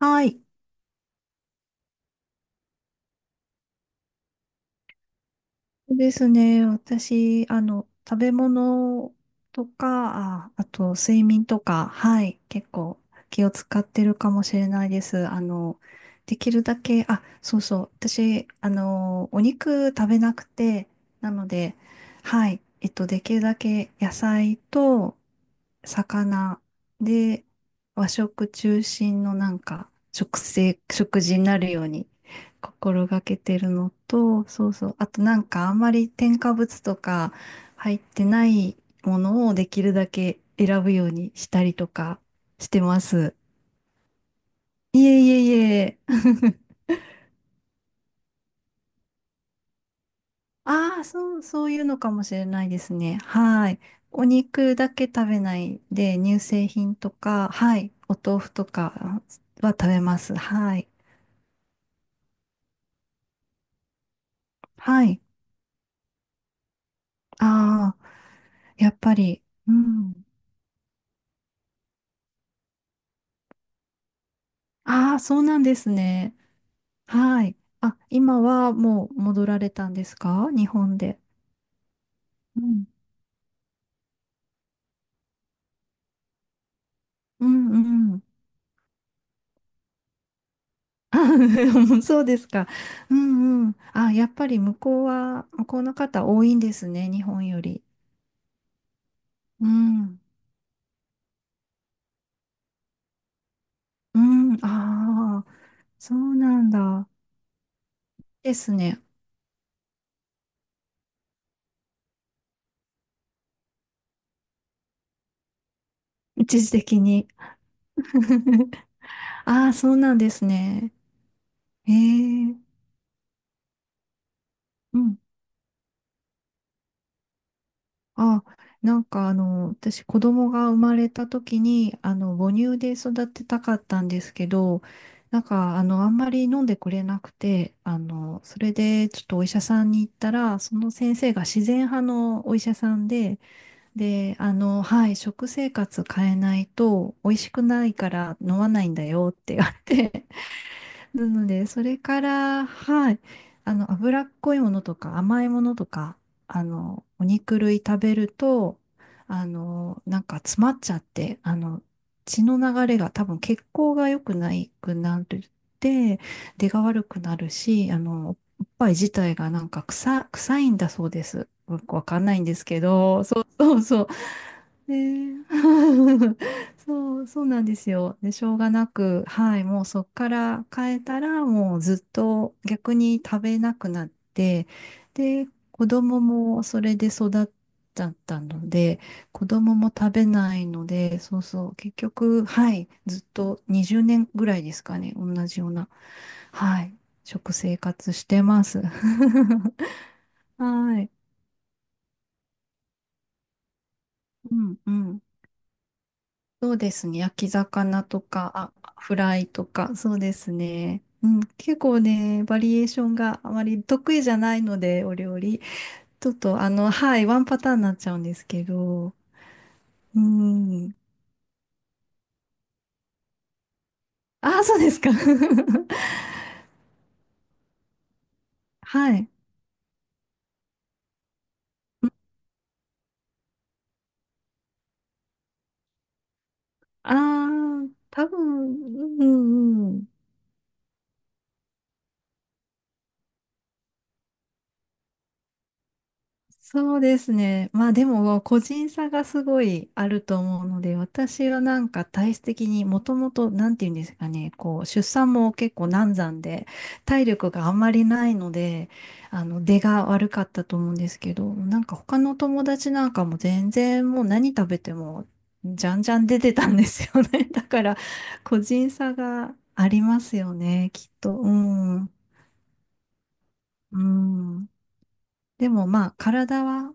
はい。そうですね。私、食べ物とか、あ、あと睡眠とか、はい。結構気を使ってるかもしれないです。できるだけ、あ、そうそう。私、お肉食べなくて、なので、はい。できるだけ野菜と魚で和食中心のなんか食事になるように心がけてるのと、そうそう。あとなんかあんまり添加物とか入ってないものをできるだけ選ぶようにしたりとかしてます。いえいえいえ。ああ、そう、そういうのかもしれないですね。はい。お肉だけ食べないで、乳製品とか、はい。お豆腐とかは食べます。はい。はい。ああ、やっぱり。うん。ああ、そうなんですね。はい。あ、今はもう戻られたんですか日本で？うん。うんうん。あ そうですか。うんうん。あ、やっぱり向こうの方多いんですね、日本より。うん。うん。ああ、そうなんだ。ですね。一時的に。ああ、そうなんですね。へえ。うん。あ、なんか私子供が生まれた時に、母乳で育てたかったんですけど、なんかあんまり飲んでくれなくて、それでちょっとお医者さんに行ったら、その先生が自然派のお医者さんで、はい、食生活変えないと美味しくないから飲まないんだよって言われて、なので、それから、はい、脂っこいものとか甘いものとか、お肉類食べると、なんか詰まっちゃって、血の流れが多分血行が良くないくなるって、出が悪くなるし、おっぱい自体がなんか臭いんだそうです。よくわかんないんですけど、そうそうそう。ねえ そう、そうなんですよ。で、しょうがなく、はい、もうそっから変えたら、もうずっと逆に食べなくなって、で、子供もそれで育っちゃったので、子供も食べないので、そうそう、結局、はい、ずっと20年ぐらいですかね、同じような、はい、食生活してます。はい、うん、うん。そうですね。焼き魚とか、あ、フライとか、そうですね。うん、結構ね、バリエーションがあまり得意じゃないので、お料理。ちょっと、はい、ワンパターンになっちゃうんですけど。うん。ああ、そうですか。はい。ああ、多分、うんうん。そうですね。まあでも個人差がすごいあると思うので、私はなんか体質的にもともと、なんていうんですかね、こう出産も結構難産で、体力があんまりないので、出が悪かったと思うんですけど、なんか他の友達なんかも全然もう何食べてもじゃんじゃん出てたんですよね。だから個人差がありますよね、きっと。うん。うん。でもまあ体は、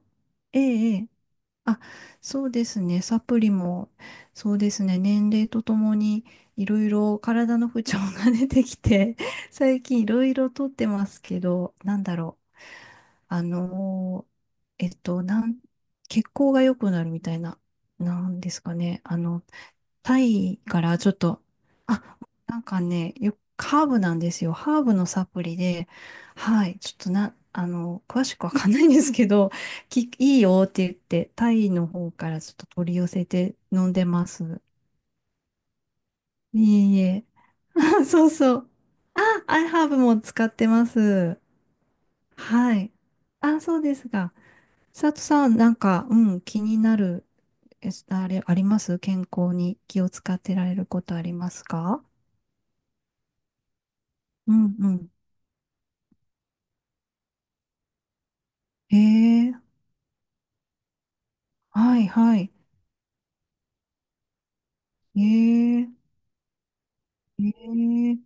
ええええあ、そうですね。サプリも、そうですね。年齢とともにいろいろ体の不調が出てきて、最近いろいろとってますけど、なんだろう。あのーえっと、なん、血行が良くなるみたいな、なんですかね。タイからちょっと、あ、なんかね、ハーブなんですよ。ハーブのサプリで、はい、ちょっと詳しくわかんないんですけど、いいよって言って、タイの方からちょっと取り寄せて飲んでます。いえいえ。あ、そうそう。あ、アイハーブも使ってます。はい。あ、そうですが。佐藤さん、なんか、うん、気になる、えあれ、あります健康に気を使ってられることありますか？うんうん。ええはいはい。ええええ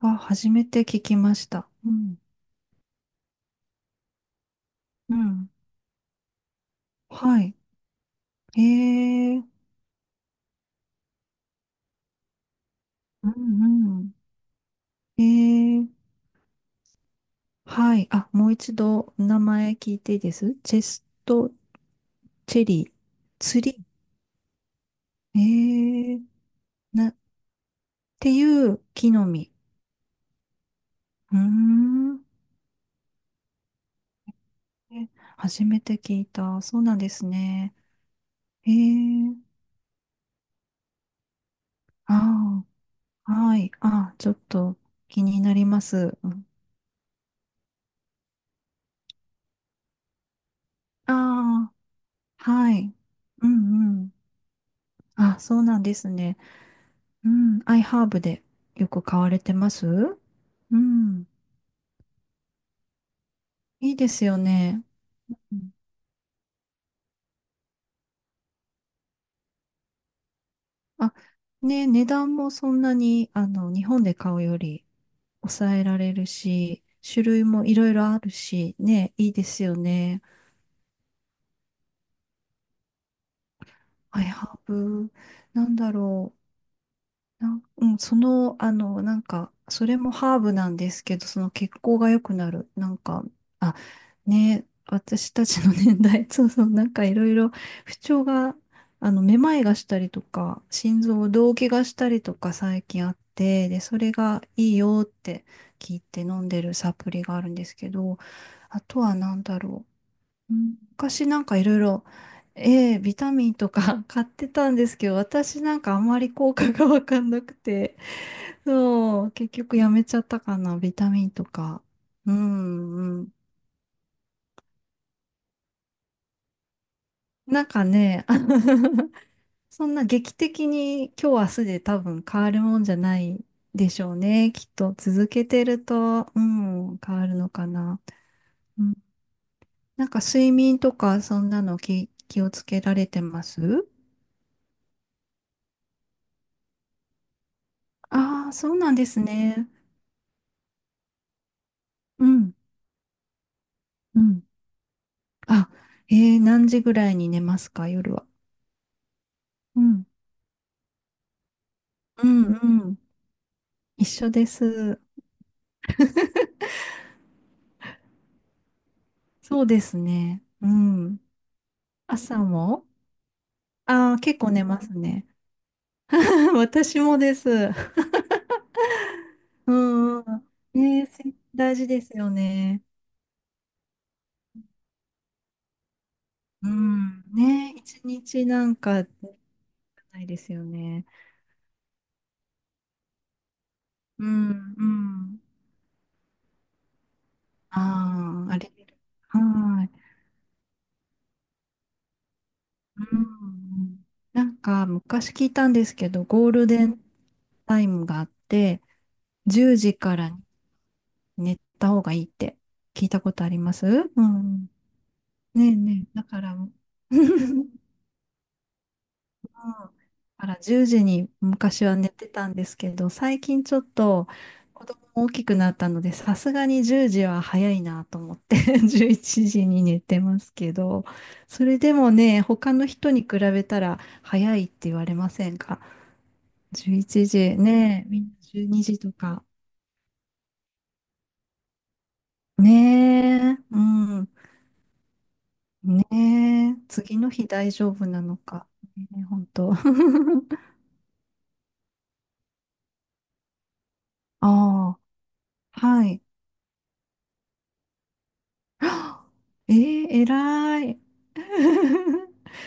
あ、初めて聞きました。うん、うん、はい。ええうんうん。ええはい。あ、もう一度名前聞いていいですチェスト？チェリー、ツリー。ええな、っていう木の実。うーん。え初めて聞いた。そうなんですね。ええああ、はい。あ、ちょっと気になります。ああ、はい。うんうん。あ、そうなんですね。うん。アイハーブでよく買われてます？うん。いいですよね。うんあ、ね、値段もそんなに、日本で買うより抑えられるし、種類もいろいろあるし、ね、いいですよね。アイハーブ、なんだろう。なんうん、その、なんか、それもハーブなんですけど、その血行が良くなる。なんか、あ、ね、私たちの年代、そうそう、なんかいろいろ不調が、めまいがしたりとか、心臓動悸がしたりとか最近あって、で、それがいいよって聞いて飲んでるサプリがあるんですけど、あとはなんだろう。うん昔なんかいろいろ、A、ビタミンとか 買ってたんですけど、私なんかあんまり効果がわかんなくて、そう、結局やめちゃったかな、ビタミンとか。うんうん。なんかね、あの そんな劇的に今日明日で多分変わるもんじゃないでしょうね。きっと続けてると、うん、変わるのかな。うん、なんか睡眠とかそんなの気をつけられてます？ああー、そうなんですね。うん、うん。あ、えー、何時ぐらいに寝ますか、夜は。うん、うん、うん。一緒です。そうですね。うん。朝もああー、結構寝ますね。私もです。うん、うん。ねえ、大事ですよね。うん。ねえ、一日なんかないですよね。うん、うん。ああ、あれ。はい。うんなんか昔聞いたんですけど、ゴールデンタイムがあって、10時から寝た方がいいって聞いたことあります？うん。ねえねえ、だから、うん。だから10時に昔は寝てたんですけど、最近ちょっと子供も大きくなったので、さすがに10時は早いなと思って11時 に寝てますけど、それでもね、他の人に比べたら早いって言われませんか？11時ねえ、みんな12時とか。ねえ、うん。ねえ、次の日大丈夫なのか。ねえ、本当。ああ、はい。ええ、偉い。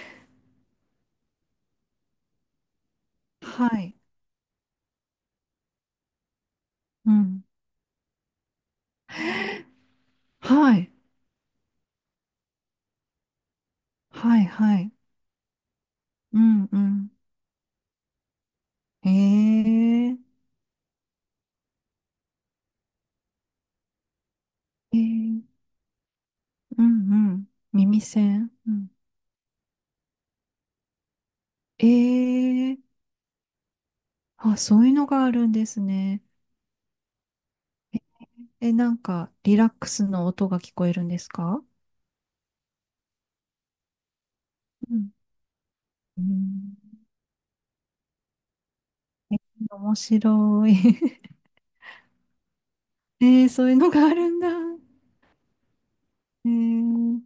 はい。うん。はい。はい、はい。うん、うん。ええ、ええ、うん、うん。耳栓。うん。ええ、あ、そういうのがあるんですね。え、なんか、リラックスの音が聞こえるんですか？うん。うんえ面白い。えーそういうのがあるんだ。えー